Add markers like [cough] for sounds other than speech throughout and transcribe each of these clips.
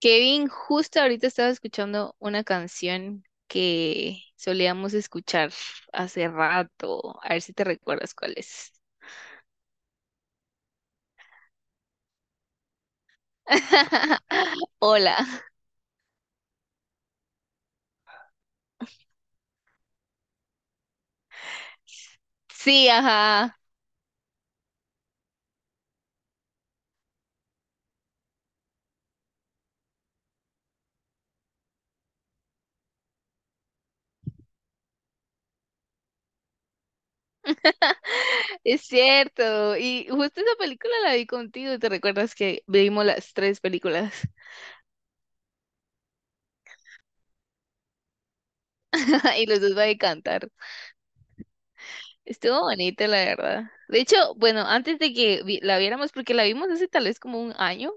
Kevin, justo ahorita estaba escuchando una canción que solíamos escuchar hace rato. A ver si te recuerdas cuál es. [laughs] Hola. Sí, ajá. [laughs] Es cierto. Y justo esa película la vi contigo. ¿Te recuerdas que vimos las tres películas? [laughs] Y los dos va a cantar. Estuvo bonita, la verdad. De hecho, bueno, antes de que la viéramos, porque la vimos hace tal vez como un año.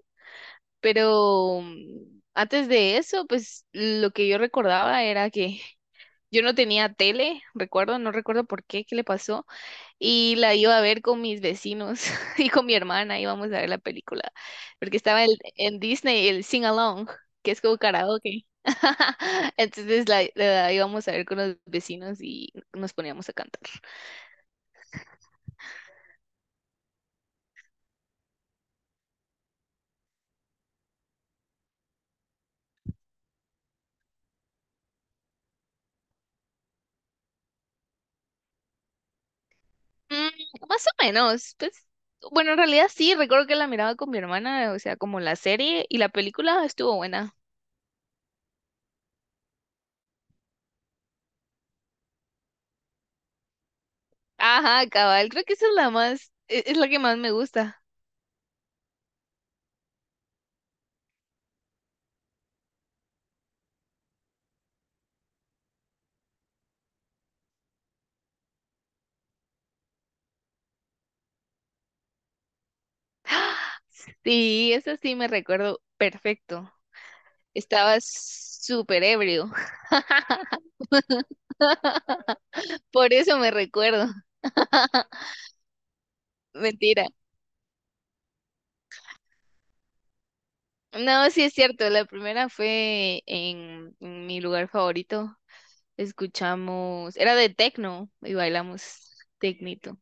Pero antes de eso, pues lo que yo recordaba era que yo no tenía tele, recuerdo, no recuerdo por qué, qué le pasó, y la iba a ver con mis vecinos [laughs] y con mi hermana, íbamos a ver la película, porque estaba en Disney el Sing Along, que es como karaoke. [laughs] Entonces la íbamos a ver con los vecinos y nos poníamos a cantar. Mm, más o menos, pues, bueno, en realidad sí, recuerdo que la miraba con mi hermana, o sea, como la serie y la película estuvo buena. Ajá, cabal, creo que esa es la más, es la que más me gusta. [gasps] Sí, esa sí me recuerdo perfecto. Estaba súper ebrio. [laughs] Por eso me recuerdo. Mentira. No, sí es cierto. La primera fue en mi lugar favorito. Escuchamos, era de techno y bailamos tecnito.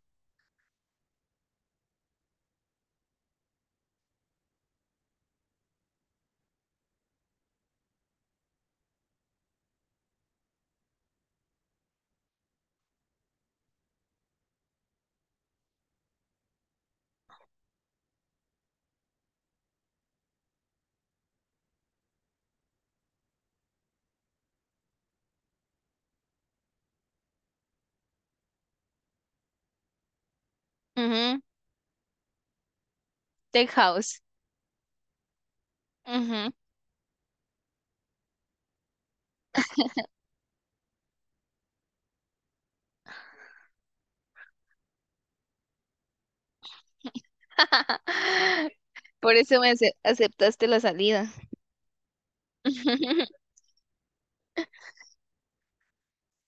Ujú. Tech house. Ujú. [laughs] Por eso me aceptaste la salida. [laughs]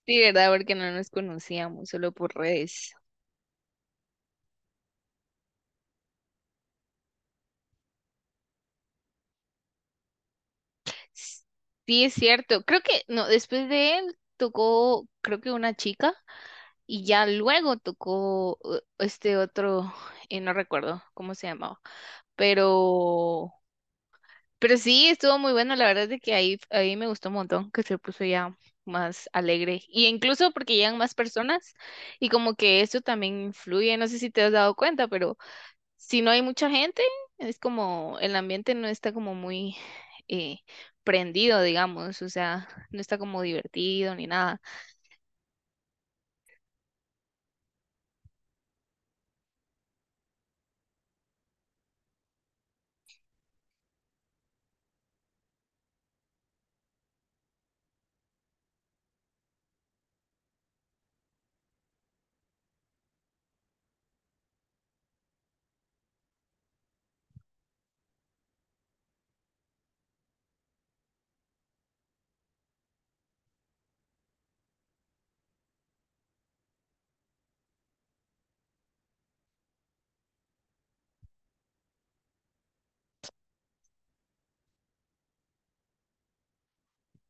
Sí, ¿verdad? Porque no nos conocíamos, solo por redes. S- Sí, es cierto. Creo que, no, después de él tocó, creo que una chica, y ya luego tocó este otro, no recuerdo cómo se llamaba, pero, pero sí, estuvo muy bueno. La verdad es de que ahí, ahí me gustó un montón, que se puso ya más alegre. Y incluso porque llegan más personas, y como que eso también influye, no sé si te has dado cuenta, pero si no hay mucha gente, es como el ambiente no está como muy eh, prendido, digamos, o sea, no está como divertido ni nada.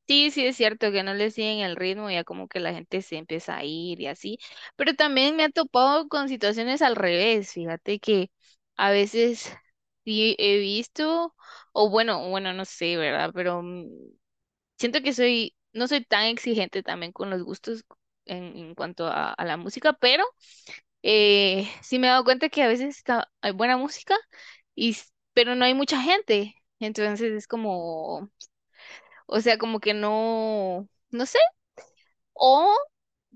Sí, sí es cierto que no le siguen el ritmo, ya como que la gente se empieza a ir y así, pero también me ha topado con situaciones al revés, fíjate que a veces sí he visto, o bueno, bueno, no sé, ¿verdad? Pero siento que soy, no soy tan exigente también con los gustos en cuanto a la música, pero sí me he dado cuenta que a veces está, hay buena música, y, pero no hay mucha gente. Entonces es como, o sea, como que no, no sé. O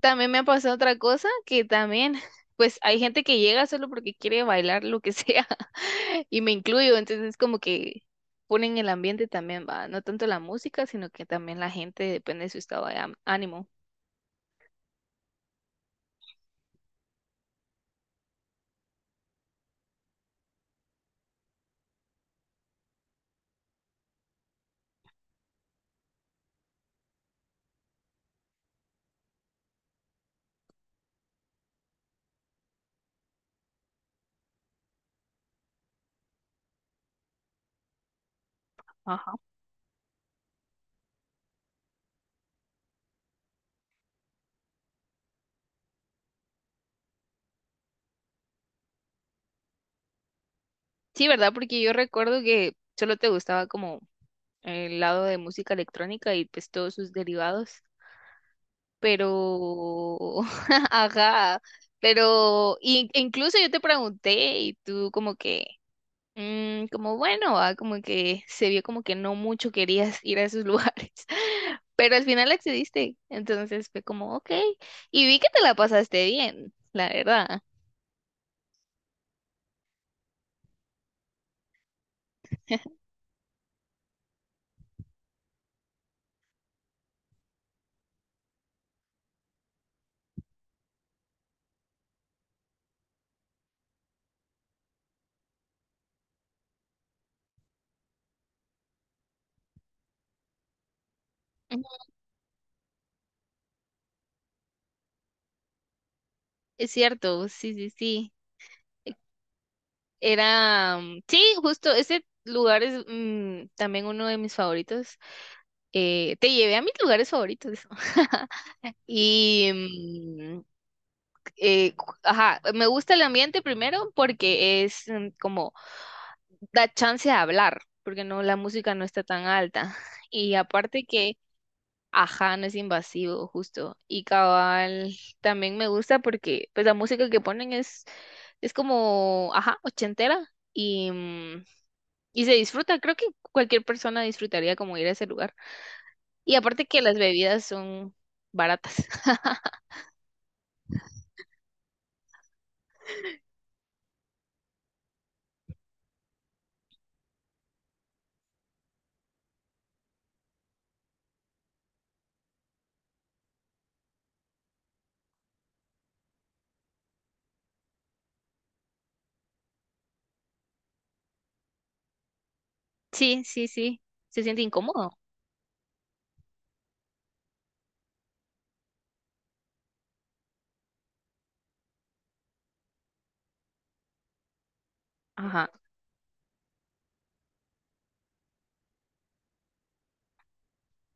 también me ha pasado otra cosa que también, pues hay gente que llega solo porque quiere bailar lo que sea, [laughs] y me incluyo. Entonces es como que ponen el ambiente también, va, no tanto la música, sino que también la gente depende de su estado de ánimo. Ajá. Sí, ¿verdad? Porque yo recuerdo que solo te gustaba como el lado de música electrónica y pues todos sus derivados, pero, [laughs] ajá, pero incluso yo te pregunté y tú como que, mm, como bueno, ah, como que se vio como que no mucho querías [laughs] ir a esos lugares, [laughs] pero al final accediste, entonces fue como, ok, y vi que te la pasaste bien, la verdad. [laughs] Ujú. Es cierto, sí, sí, sí. Era, mm, sí, justo ese lugar es también uno de mis favoritos. Te llevé a mis lugares favoritos. [laughs] Y, ajá, me gusta el ambiente primero porque es como da chance de hablar, porque no, la música no está tan alta. Y aparte que, ajá, no es invasivo, justo. Y cabal, también me gusta porque pues la música que ponen es como, ajá, ochentera. Y, y se disfruta, creo que cualquier persona disfrutaría como ir a ese lugar. Y aparte que las bebidas son baratas. [laughs] Sí, sí, sí. Se siente incómodo. Ajá.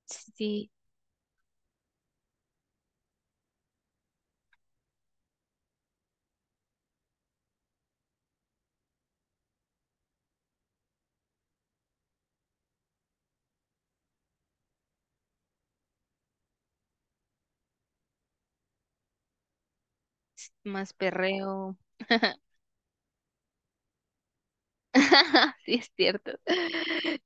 Sí, más perreo. [laughs] [laughs] Sí, es cierto. [laughs]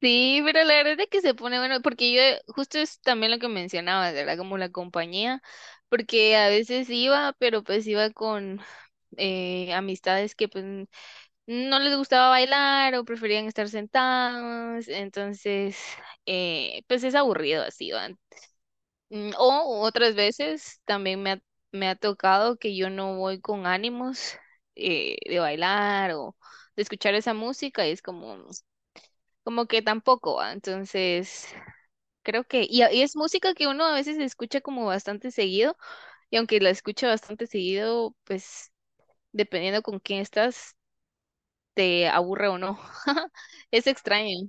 Sí, pero la verdad es que se pone bueno, porque yo justo es también lo que mencionabas, ¿verdad? Como la compañía, porque a veces iba, pero pues iba con amistades que pues no les gustaba bailar o preferían estar sentados, entonces, pues es aburrido así, ¿va? Mm. O otras veces también me ha tocado que yo no voy con ánimos de bailar o de escuchar esa música y es como, como que tampoco, ¿va? Entonces, creo que, y es música que uno a veces escucha como bastante seguido y aunque la escucha bastante seguido, pues dependiendo con quién estás, te aburre o no. [laughs] Es extraño.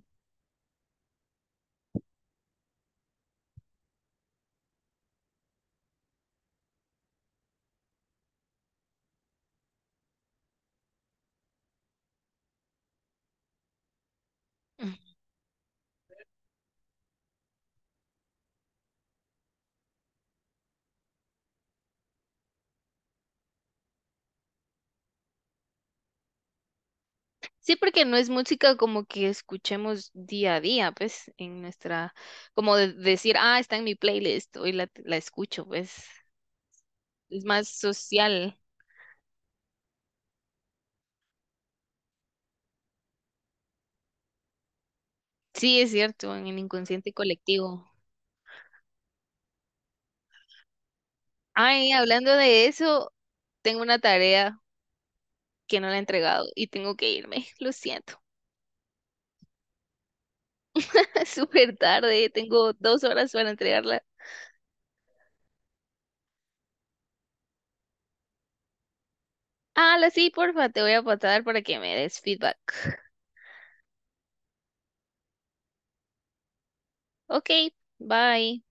Mm. Sí, porque no es música como que escuchemos día a día, pues, en nuestra, como decir, ah, está en mi playlist, hoy la escucho, pues, es más social. Sí, es cierto, en el inconsciente colectivo. Ay, hablando de eso, tengo una tarea que no la he entregado y tengo que irme, lo siento. [laughs] Es súper tarde, tengo 2 horas para entregarla. Ah, la sí, porfa, te voy a pasar para que me des feedback. Ok, bye.